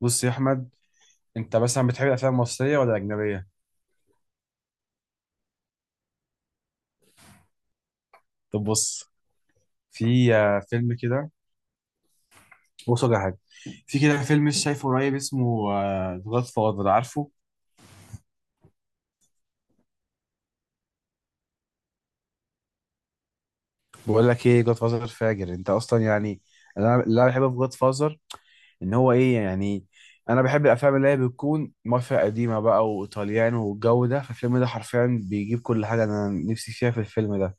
بص يا احمد، انت مثلا بتحب الافلام المصريه ولا الاجنبيه؟ طب بص، في فيلم كده، بص ولا حاجه. في كده فيلم لسه شايفه قريب اسمه جاد فاذر، عارفه؟ بقول لك ايه، جاد فاذر فاجر انت اصلا يعني. انا اللي انا بحبه في جاد فاذر ان هو ايه يعني، انا بحب الافلام اللي هي بتكون مافيا قديمه بقى وايطاليان والجو ده، فالفيلم ده حرفيا بيجيب كل حاجه انا نفسي فيها في الفيلم ده.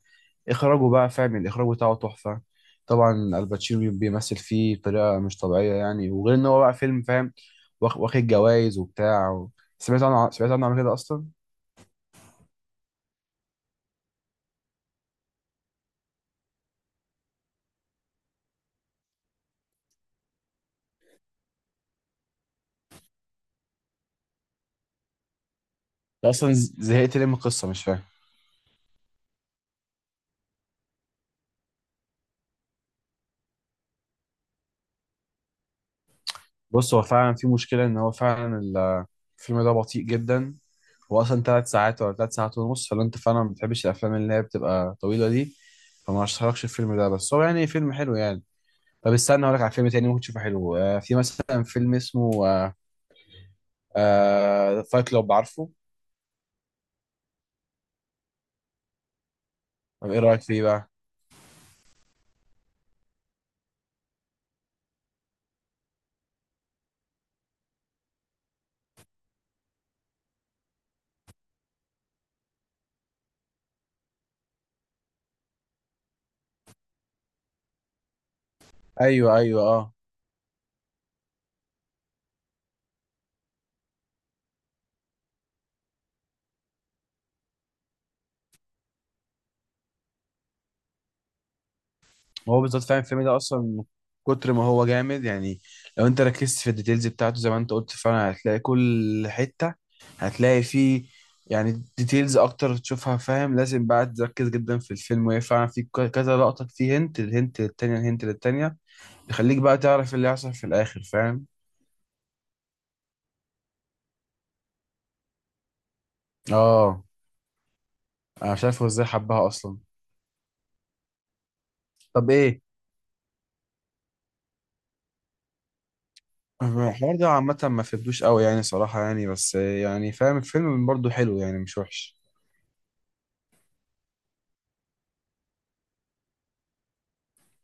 اخراجه بقى، فاهم، الاخراج بتاعه تحفه، طبعا. الباتشينو بيمثل فيه بطريقه مش طبيعيه يعني، وغير ان هو بقى فيلم فاهم، واخد جوائز وبتاع و... سمعت عنه قبل كده اصلا. أنت اصلا زهقت ليه من القصه، مش فاهم. بص، هو فعلا في مشكله، ان هو فعلا الفيلم ده بطيء جدا. هو اصلا ثلاث ساعات ولا ثلاث ساعات ونص، فلو انت فعلا ما بتحبش الافلام اللي هي بتبقى طويله دي، فما اشتركش الفيلم ده، بس هو يعني فيلم حلو يعني. طب استنى اقول لك على فيلم تاني ممكن تشوفه حلو، في مثلا فيلم اسمه، فايت كلوب، عارفه؟ طب ايه رايك فيه بقى؟ ايوه، ايوه، اه. هو بالظبط، فاهم، الفيلم ده اصلا من كتر ما هو جامد يعني. لو انت ركزت في الديتيلز بتاعته زي ما انت قلت، فعلا هتلاقي كل حته، هتلاقي فيه يعني ديتيلز اكتر تشوفها، فاهم. لازم بقى تركز جدا في الفيلم، وهي فعلا في كذا لقطه فيه، هنت الهنت للتانيه الهنت للتانيه، يخليك بقى تعرف اللي هيحصل في الاخر، فاهم. اه، انا مش عارف هو ازاي حبها اصلا. طب ايه، الحوار ده عامة ما فهمتوش قوي يعني، صراحة يعني، بس يعني فاهم الفيلم برضه حلو يعني، مش وحش.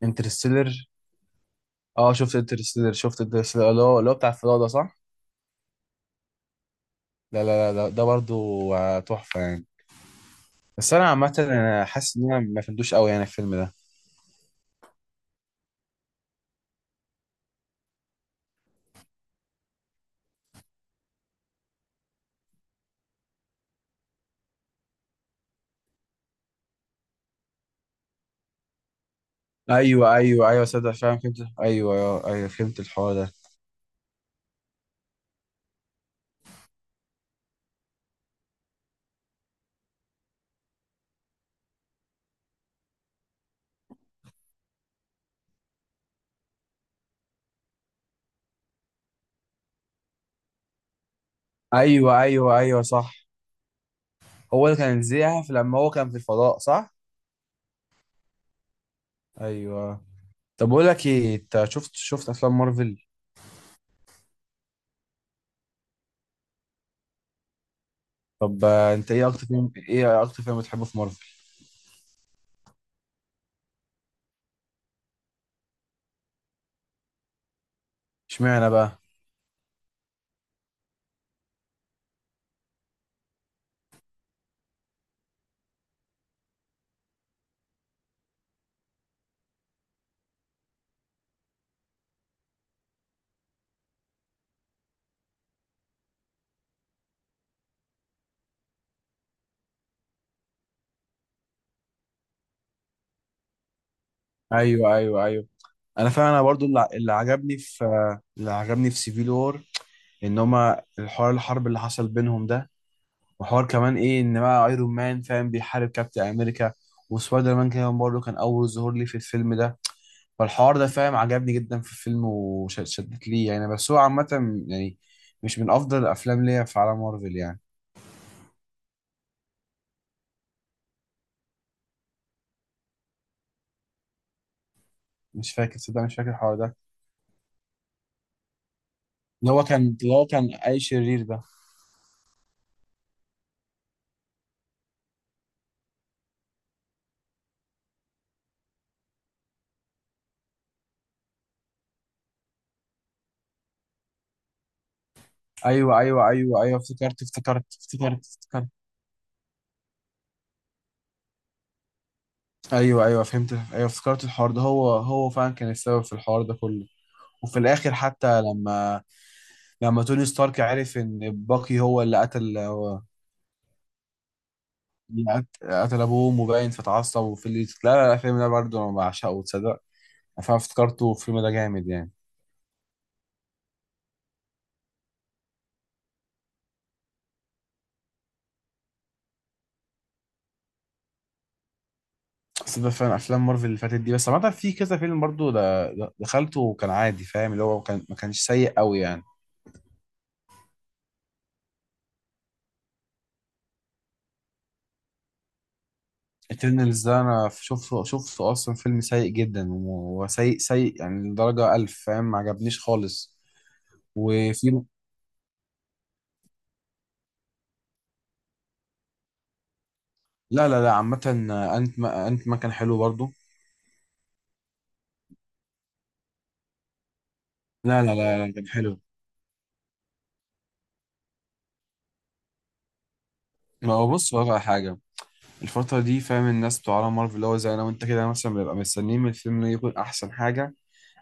انترستيلر؟ اه، شفت انترستيلر، اللي هو اللي هو بتاع الفضاء ده، صح؟ لا لا لا، ده برضه، تحفة يعني. بس أنا عامة أنا حاسس إن أنا ما فهمتوش قوي يعني الفيلم ده. أيوه أيوه أيوه، صدق، فاهم، فهمت. أيوه أيوه أيوه، فهمت الحوار ده. أيوه أيوه أيوه، صح. هو اللي كان زيها لما هو كان في الفضاء، صح؟ أيوه. طب بقول لك إيه، أنت شفت أفلام مارفل؟ طب، انت ايه اكتر فيلم، بتحبه في مارفل؟ اشمعنى بقى؟ ايوه ايوه ايوه. انا برضو اللي عجبني في، اللي عجبني في سيفيل وور، ان هما الحوار الحرب اللي حصل بينهم ده. وحوار كمان ايه، ان بقى ايرون مان فاهم بيحارب كابتن امريكا، وسبايدر مان كمان برضه كان اول ظهور لي في الفيلم ده. فالحوار ده، فاهم، عجبني جدا في الفيلم وشدت لي يعني. بس هو عامة يعني مش من افضل الافلام ليا في عالم مارفل يعني. مش فاكر، صدق، مش فاكر الحوار ده. اللي هو كان اي شرير ده؟ ايوه ايوه ايوه ايوه، افتكرت افتكرت افتكرت افتكرت. ايوه ايوه، فهمت، ايوه افتكرت الحوار ده. هو فعلا كان السبب في الحوار ده كله. وفي الاخر حتى لما توني ستارك عرف ان باقي هو اللي قتل، هو اللي قتل ابوه مبين، فتعصب، وفي اللي، لا لا لا، الفيلم ده برضه انا بعشقه، تصدق، فانا افتكرته الفيلم ده جامد يعني. بس ده فعلا افلام مارفل اللي فاتت دي، بس عامه في كذا فيلم برضه دخلته وكان عادي، فاهم، اللي هو كان ما كانش سيء قوي يعني. اترنالز ده انا شفته اصلا فيلم سيء جدا، وسيء سيء يعني لدرجه الف، فاهم، ما عجبنيش خالص. وفي، لا لا لا عامه، انت ما كان حلو برضه. لا لا لا لا، كان حلو. ما هو بص بقى على حاجه، الفتره دي، فاهم، الناس بتوع عالم مارفل اللي هو زي انا وانت كده مثلا، بنبقى مستنيين من الفيلم يكون احسن حاجه،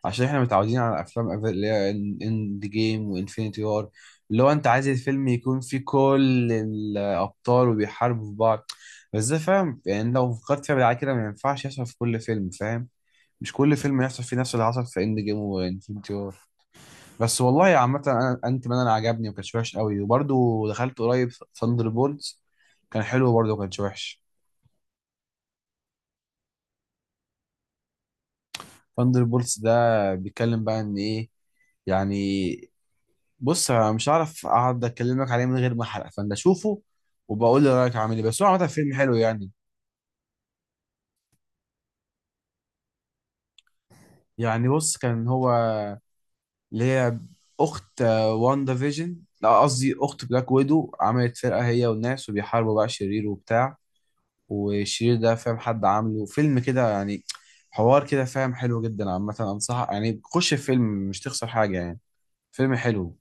عشان احنا متعودين على افلام اللي هي اند جيم وانفينيتي وار، اللي هو انت عايز الفيلم يكون فيه كل الابطال وبيحاربوا في بعض. بس ده، فاهم، يعني لو فكرت فيها بالعكس كده، ما ينفعش يحصل في كل فيلم، فاهم. مش كل فيلم يحصل فيه نفس اللي حصل في اند جيم وانفينيتي وار. بس والله عامة، انا انت مان انا عجبني وما كانش وحش قوي، وبرده دخلت قريب ثاندر بولتس، كان حلو برضه، ما كانش وحش. ثاندر بولتس ده بيتكلم بقى ان ايه يعني، بص أنا مش هعرف اقعد اكلمك عليه من غير ما احرق، فانا اشوفه وبقول لي رايك عامل ايه، بس هو عامه فيلم حلو يعني. يعني بص، كان هو اللي هي اخت، واندا فيجن، لا قصدي اخت بلاك ويدو، عملت فرقه هي والناس وبيحاربوا بقى شرير وبتاع، والشرير ده، فاهم، حد عامله فيلم كده يعني، حوار كده، فاهم، حلو جدا عامه. انصحك يعني، خش الفيلم، مش تخسر حاجه يعني، فيلم حلو.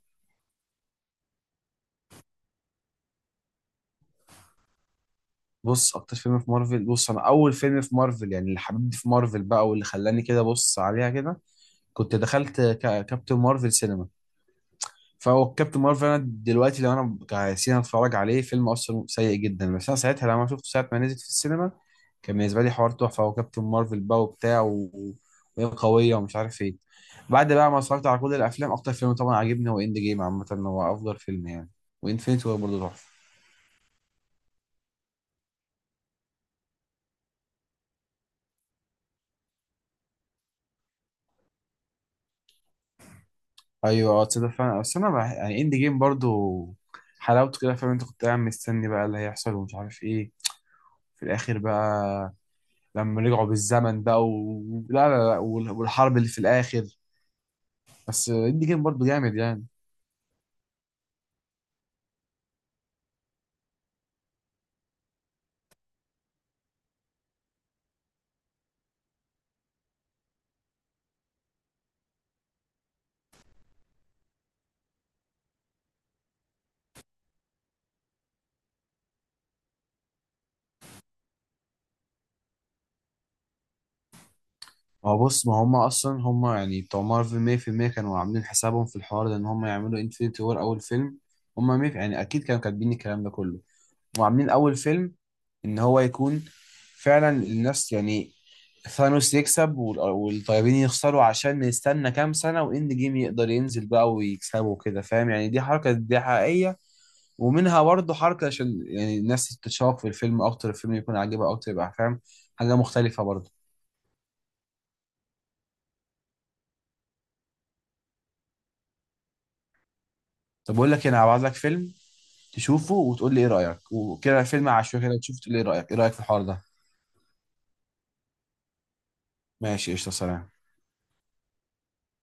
بص، اكتر فيلم في مارفل، بص انا اول فيلم في مارفل يعني اللي حببني في مارفل بقى، واللي خلاني كده بص عليها كده، كنت دخلت كابتن مارفل سينما. فهو كابتن مارفل، انا دلوقتي لو انا كسينما اتفرج عليه فيلم اصلا سيء جدا، بس انا ساعتها لما شفته ساعه ما نزل في السينما، كان بالنسبه لي حوار تحفه، هو كابتن مارفل بقى وبتاع و... وهي قويه ومش عارف ايه. بعد بقى ما اتفرجت على كل الافلام، اكتر فيلم طبعا عجبني هو اند جيم، عامه هو افضل فيلم يعني، وانفينيتي وور برضه تحفه. ايوه اه، تصدق فعلا، بس انا يعني اند جيم برضه حلاوته كده، فاهم، انت كنت قاعد مستني بقى اللي هيحصل ومش عارف ايه، في الاخر بقى لما رجعوا بالزمن بقى و... لا لا لا، والحرب اللي في الاخر، بس اندي جيم برضه جامد يعني. ما هو بص، ما هم اصلا هم يعني بتوع مارفل 100% كانوا عاملين حسابهم في الحوار ده، ان هم يعملوا انفينيتي وور اول فيلم. هم 100 يعني اكيد كانوا كاتبين الكلام ده كله وعاملين اول فيلم ان هو يكون فعلا الناس يعني ثانوس يكسب والطيبين يخسروا، عشان نستنى كام سنة واند جيم يقدر ينزل بقى ويكسبوا كده، فاهم يعني، دي حركة دي حقيقية. ومنها برضه حركة عشان يعني الناس تتشوق في الفيلم أكتر، الفيلم يكون عاجبها أكتر، يبقى، فاهم، حاجة مختلفة برضه. طب بقول لك إيه، أنا هبعت لك فيلم تشوفه وتقول لي إيه رأيك، وكده فيلم عشوائي كده تشوف تقول لي إيه رأيك، إيه رأيك في الحوار ده. ماشي قشطة، سلام.